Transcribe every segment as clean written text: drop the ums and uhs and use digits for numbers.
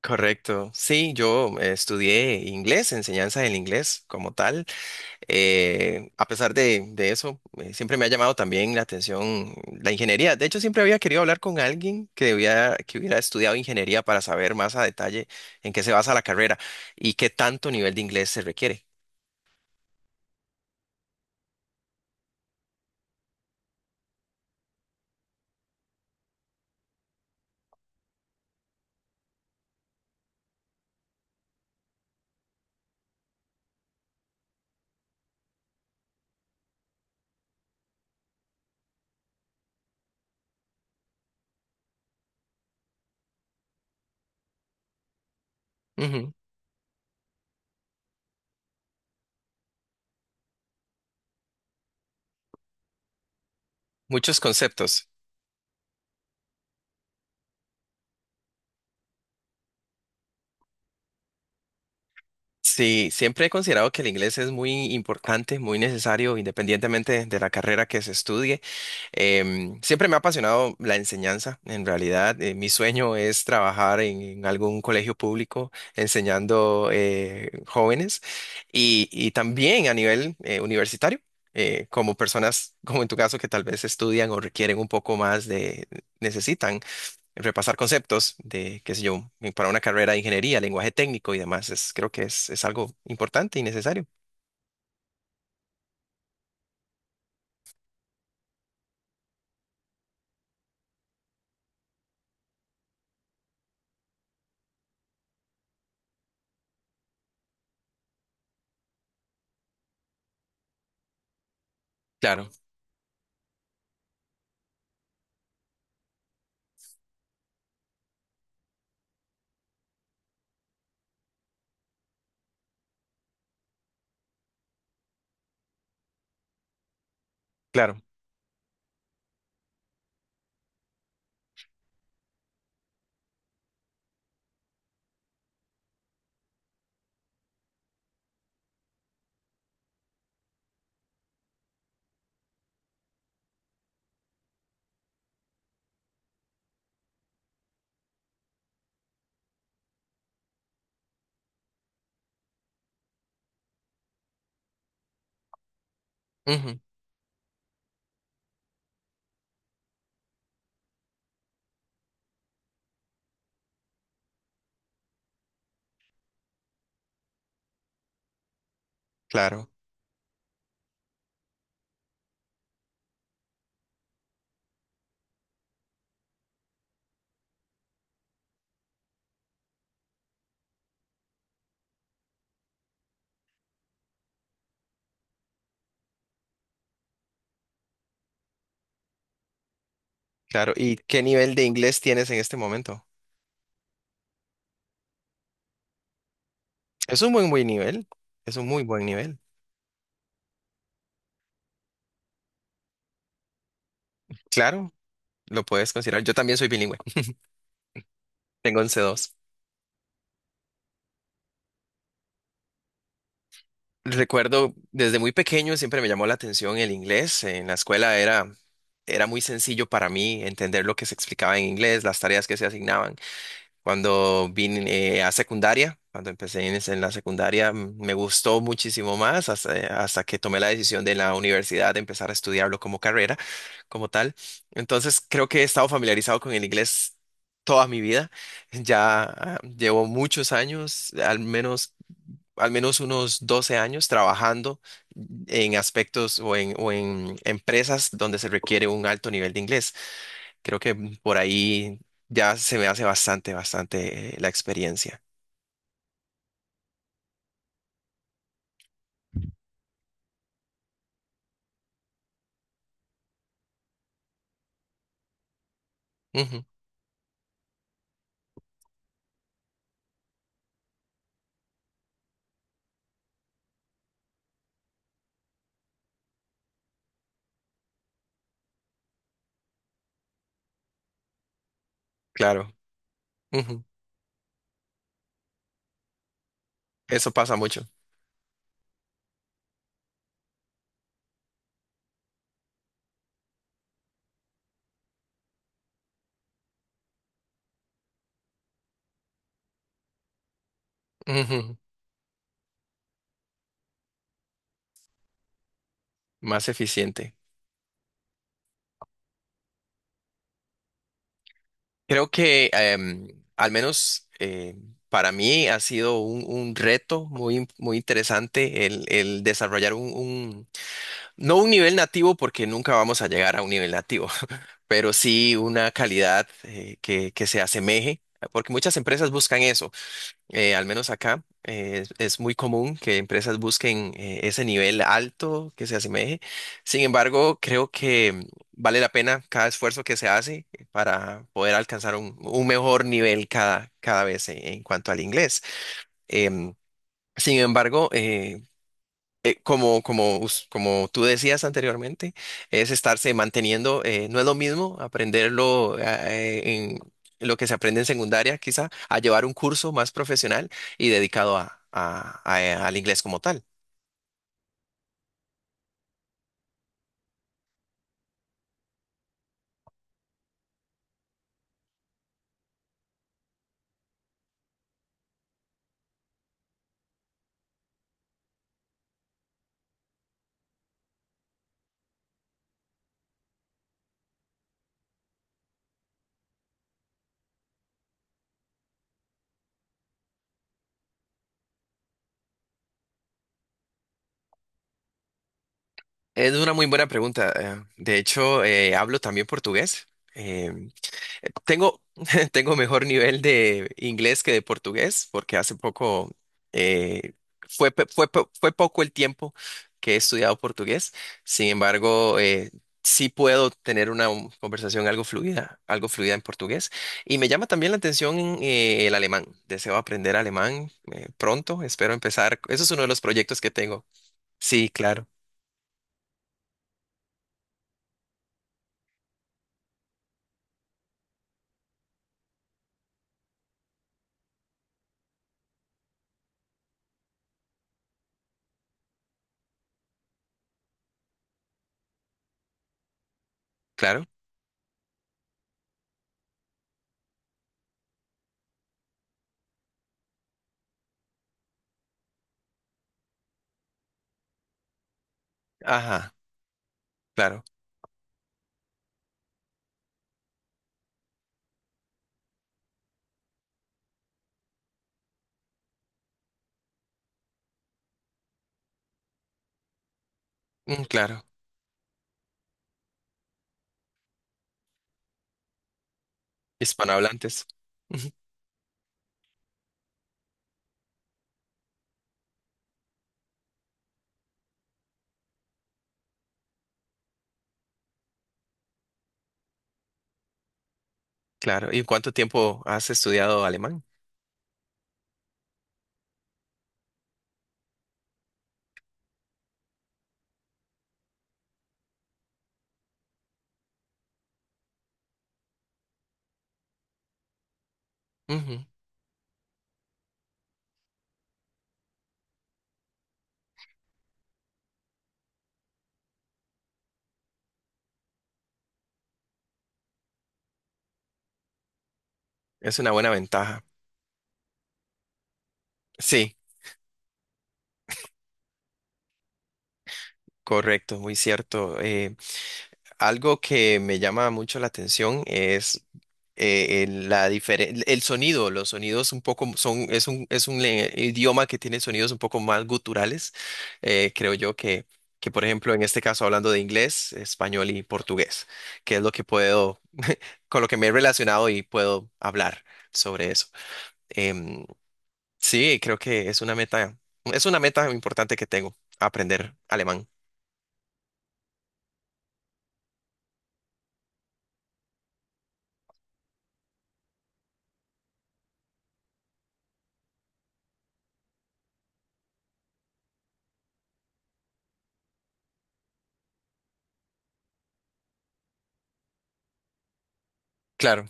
Correcto. Sí, yo estudié inglés, enseñanza del inglés como tal. A pesar de eso, siempre me ha llamado también la atención la ingeniería. De hecho, siempre había querido hablar con alguien que hubiera estudiado ingeniería para saber más a detalle en qué se basa la carrera y qué tanto nivel de inglés se requiere. Ujú. Muchos conceptos. Sí, siempre he considerado que el inglés es muy importante, muy necesario, independientemente de la carrera que se estudie. Siempre me ha apasionado la enseñanza, en realidad. Mi sueño es trabajar en algún colegio público enseñando jóvenes y también a nivel universitario, como personas como en tu caso que tal vez estudian o requieren un poco más necesitan repasar conceptos de, qué sé yo, para una carrera de ingeniería, lenguaje técnico y demás. Creo que es algo importante y necesario. Claro, claro. Ujú, claro, claro. ¿Y qué nivel de inglés tienes en este momento? Es un muy buen nivel, es un muy buen nivel. Claro, lo puedes considerar. Yo también soy bilingüe, tengo 11 dos. Recuerdo desde muy pequeño siempre me llamó la atención el inglés. En la escuela era muy sencillo para mí entender lo que se explicaba en inglés, las tareas que se asignaban. Cuando vine a secundaria, cuando empecé en la secundaria, me gustó muchísimo más hasta que tomé la decisión de en la universidad de empezar a estudiarlo como carrera, como tal. Entonces, creo que he estado familiarizado con el inglés toda mi vida. Ya llevo muchos años, al menos unos 12 años trabajando en aspectos o en empresas donde se requiere un alto nivel de inglés. Creo que por ahí ya se me hace bastante la experiencia. Ujú, claro, ujú. Eso pasa mucho. Ujú. Más eficiente. Creo que al menos para mí ha sido un reto muy, muy interesante el desarrollar no un nivel nativo porque nunca vamos a llegar a un nivel nativo, pero sí una calidad que se asemeje, porque muchas empresas buscan eso, al menos acá es muy común que empresas busquen ese nivel alto que se asemeje. Sin embargo, creo que vale la pena cada esfuerzo que se hace para poder alcanzar un mejor nivel cada, cada vez en cuanto al inglés. Em, sin embargo, como, como tú decías anteriormente, es estarse manteniendo, no es lo mismo aprenderlo en lo que se aprende en secundaria, quizá, a llevar un curso más profesional y dedicado al inglés como tal. Es una muy buena pregunta. De hecho, hablo también portugués. eh, Tengo, tengo mejor nivel de inglés que de portugués, porque hace poco eh, fue poco el tiempo que he estudiado portugués. Sin embargo, sí puedo tener una conversación algo fluida en portugués. Y me llama también la atención el alemán. Deseo aprender alemán pronto. Espero empezar. Eso es uno de los proyectos que tengo. Sí, claro, claro. Ajá, claro, mm, claro. Hispanohablantes. Claro, ¿y cuánto tiempo has estudiado alemán? Ujú. Es una buena ventaja. Sí, correcto, muy cierto. Algo que me llama mucho la atención es la el sonido. Los sonidos un poco es un idioma que tiene sonidos un poco más guturales. Creo yo que, por ejemplo, en este caso hablando de inglés, español y portugués, que es lo que puedo, con lo que me he relacionado y puedo hablar sobre eso. Em, Sí, creo que es una meta importante que tengo, aprender alemán. Claro,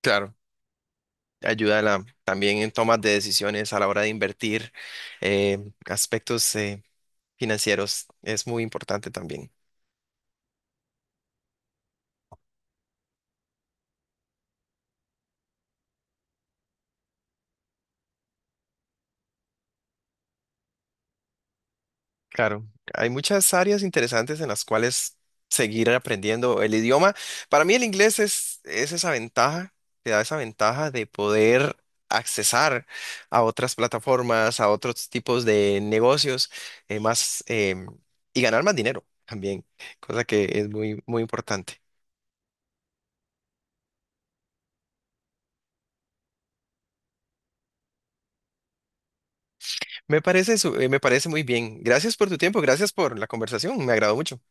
claro. Ayuda a también en tomas de decisiones a la hora de invertir, eh, aspectos financieros es muy importante también. Claro, hay muchas áreas interesantes en las cuales seguir aprendiendo el idioma. Para mí el inglés es esa ventaja, te da esa ventaja de poder accesar a otras plataformas, a otros tipos de negocios, eh, más em, y ganar más dinero también, cosa que es muy, muy importante. Me parece muy bien. Gracias por tu tiempo, gracias por la conversación, me agradó mucho.